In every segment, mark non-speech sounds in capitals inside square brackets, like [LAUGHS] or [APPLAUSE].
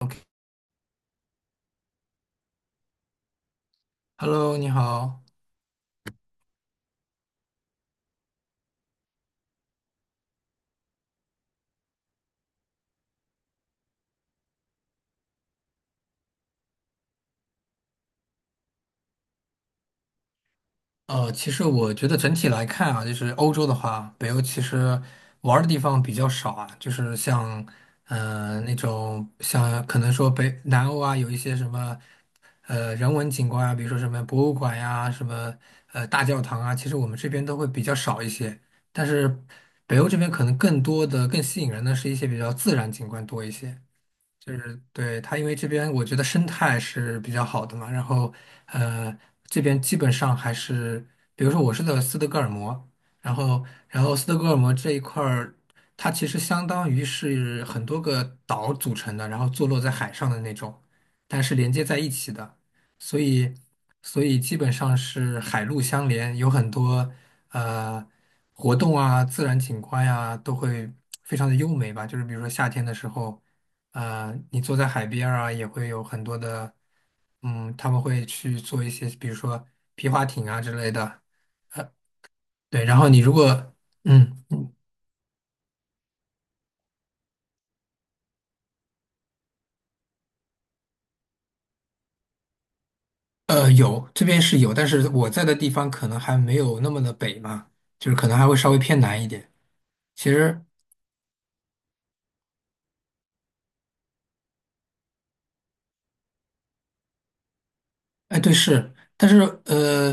OK Hello，你好。其实我觉得整体来看啊，就是欧洲的话，北欧其实玩儿的地方比较少啊，就是像，那种像可能说北南欧啊，有一些什么，人文景观啊，比如说什么博物馆呀、什么大教堂啊，其实我们这边都会比较少一些。但是北欧这边可能更多的、更吸引人的是一些比较自然景观多一些。就是对它，因为这边我觉得生态是比较好的嘛，然后呃，这边基本上还是，比如说我是在斯德哥尔摩，然后然后斯德哥尔摩这一块儿，它其实相当于是很多个岛组成的，然后坐落在海上的那种，但是连接在一起的，所以所以基本上是海陆相连，有很多呃活动啊、自然景观呀、都会非常的优美吧，就是比如说夏天的时候。啊、你坐在海边儿啊，也会有很多的，嗯，他们会去做一些，比如说皮划艇啊之类的，呃，对。然后你如果，嗯，有这边是有，但是我在的地方可能还没有那么的北嘛，就是可能还会稍微偏南一点。其实哎，对，是，但是呃，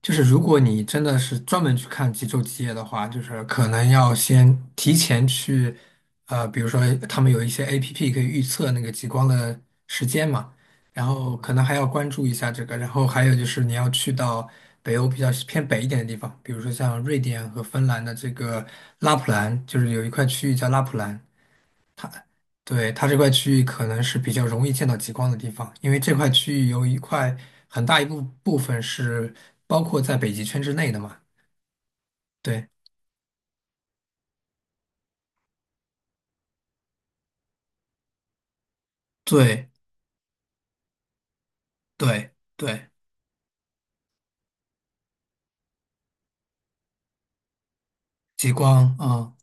就是如果你真的是专门去看极昼极夜的话，就是可能要先提前去，比如说他们有一些 APP 可以预测那个极光的时间嘛，然后可能还要关注一下这个，然后还有就是你要去到北欧比较偏北一点的地方，比如说像瑞典和芬兰的这个拉普兰，就是有一块区域叫拉普兰，对，它这块区域可能是比较容易见到极光的地方，因为这块区域有一块很大一部分是包括在北极圈之内的嘛。对，对，对，对，极光啊，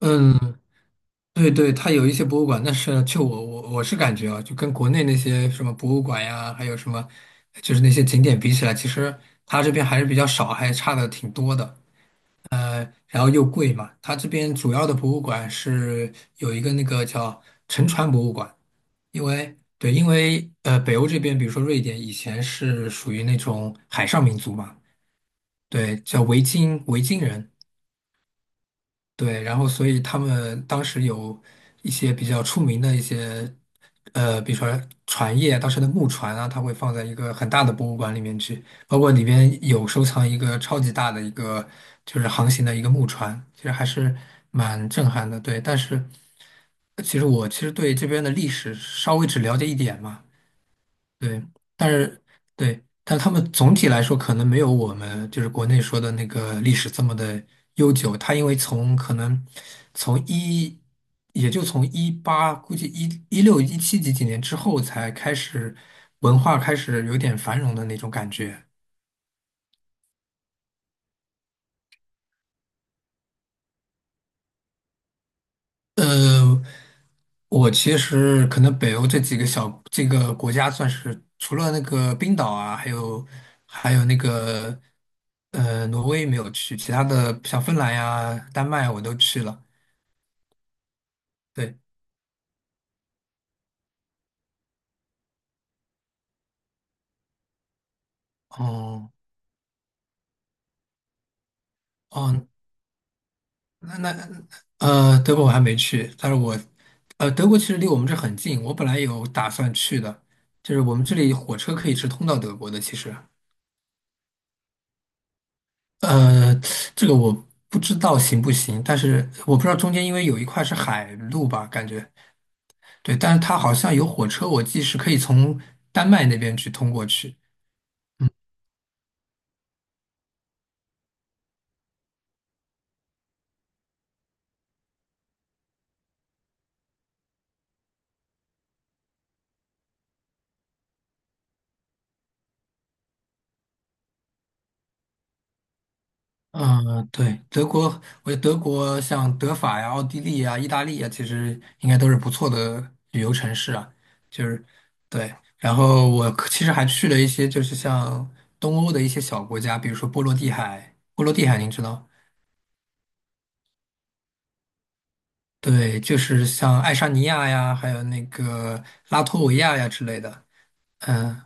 嗯，对对，它有一些博物馆，但是就我是感觉啊，就跟国内那些什么博物馆呀，还有什么就是那些景点比起来，其实它这边还是比较少，还差的挺多的。然后又贵嘛。它这边主要的博物馆是有一个那个叫沉船博物馆，因为对，因为北欧这边，比如说瑞典以前是属于那种海上民族嘛，对，叫维京人，对，然后所以他们当时有一些比较出名的一些，比如说船业，当时的木船啊，它会放在一个很大的博物馆里面去，包括里边有收藏一个超级大的一个就是航行的一个木船，其实还是蛮震撼的。对，但是其实我其实对这边的历史稍微只了解一点嘛，对，但是对，但他们总体来说可能没有我们就是国内说的那个历史这么的悠久。它因为从可能从一，也就从一八，估计一一六一七几几年之后才开始文化开始有点繁荣的那种感觉。呃，我其实可能北欧这几个小这个国家算是除了那个冰岛啊，还有还有那个挪威没有去，其他的像芬兰呀、丹麦我都去了。对，哦哦，那那德国我还没去，但是我德国其实离我们这很近，我本来有打算去的，就是我们这里火车可以直通到德国的，其实。呃，这个我不知道行不行，但是我不知道中间因为有一块是海路吧，感觉，对，但是它好像有火车，我记是可以从丹麦那边去通过去。嗯，对，德国，我觉得德国像德法呀、奥地利呀、意大利呀，其实应该都是不错的旅游城市啊。就是对，然后我可其实还去了一些就是像东欧的一些小国家，比如说波罗的海，波罗的海您知道对，就是像爱沙尼亚呀，还有那个拉脱维亚呀之类的。嗯，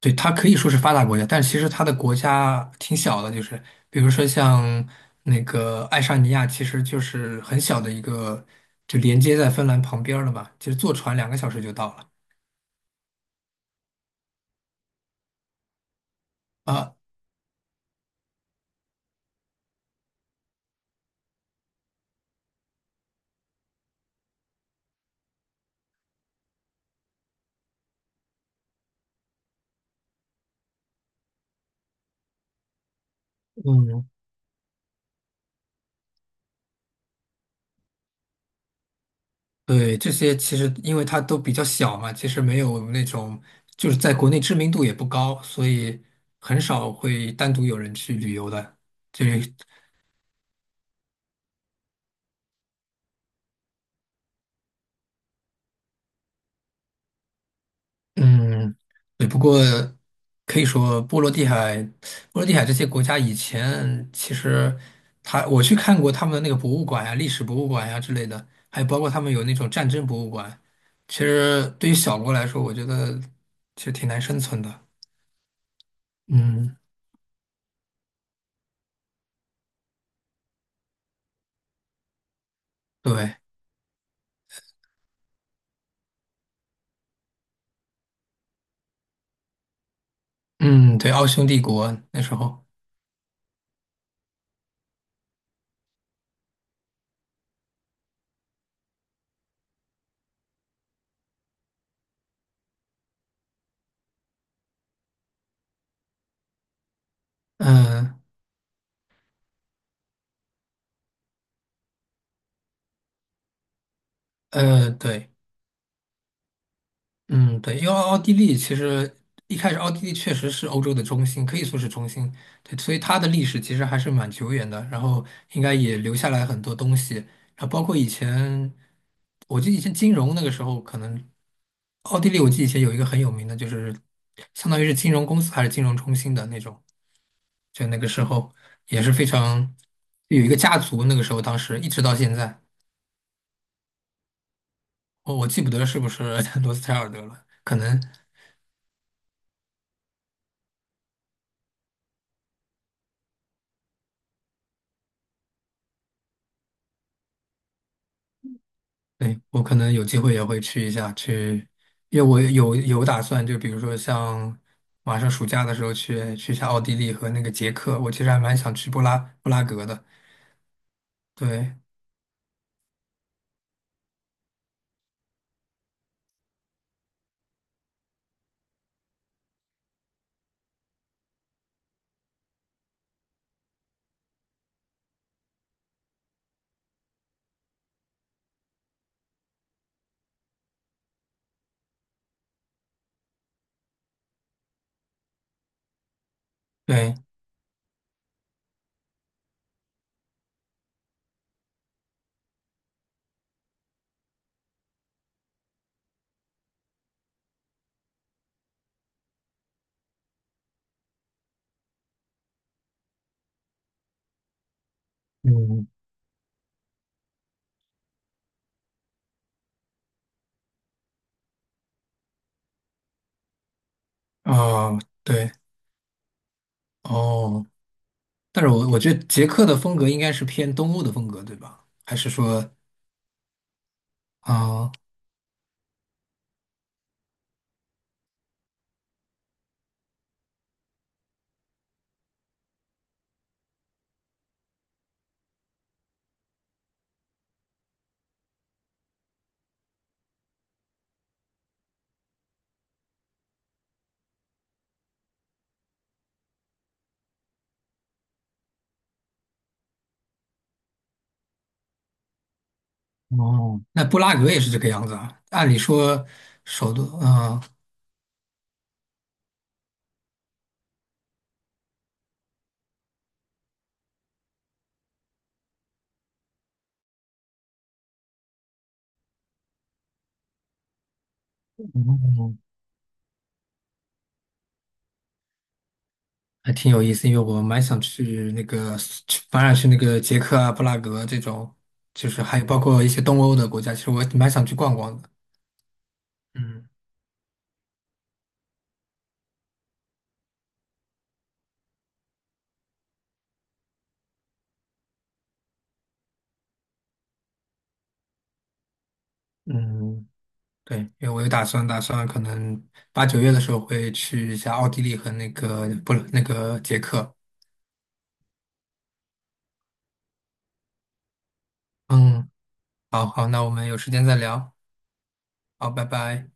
对，它可以说是发达国家，但其实它的国家挺小的，就是比如说像那个爱沙尼亚，其实就是很小的一个，就连接在芬兰旁边儿了嘛。其实坐船2个小时就到了。啊，嗯，对，这些其实因为它都比较小嘛，其实没有那种就是在国内知名度也不高，所以很少会单独有人去旅游的。就是嗯，对，不过可以说波罗的海、波罗的海这些国家以前其实他我去看过他们的那个博物馆呀、历史博物馆呀、之类的，还有包括他们有那种战争博物馆。其实对于小国来说，我觉得其实挺难生存的。嗯，对，嗯，对，奥匈帝国那时候，嗯对。嗯，对，因为奥地利其实一开始奥地利确实是欧洲的中心，可以说是中心，对，所以它的历史其实还是蛮久远的，然后应该也留下来很多东西，然后包括以前，我记得以前金融那个时候，可能奥地利我记得以前有一个很有名的，就是相当于是金融公司还是金融中心的那种，就那个时候也是非常有一个家族，那个时候当时一直到现在，我记不得是不是 [LAUGHS] 罗斯柴尔德了，可能。对，我可能有机会也会去一下，去，因为我有打算，就比如说像马上暑假的时候去一下奥地利和那个捷克，我其实还蛮想去布拉格的。对对，嗯，哦，对哦，但是我觉得捷克的风格应该是偏东欧的风格，对吧？还是说，啊、哦，那布拉格也是这个样子啊？按理说首都，啊、哦还挺有意思，因为我蛮想去那个，去反而去那个捷克啊、布拉格这种，就是还有包括一些东欧的国家，其实我蛮想去逛逛的。嗯嗯，对，因为我有打算，可能8、9月的时候会去一下奥地利和那个不那个捷克。嗯，好好，那我们有时间再聊。好，拜拜。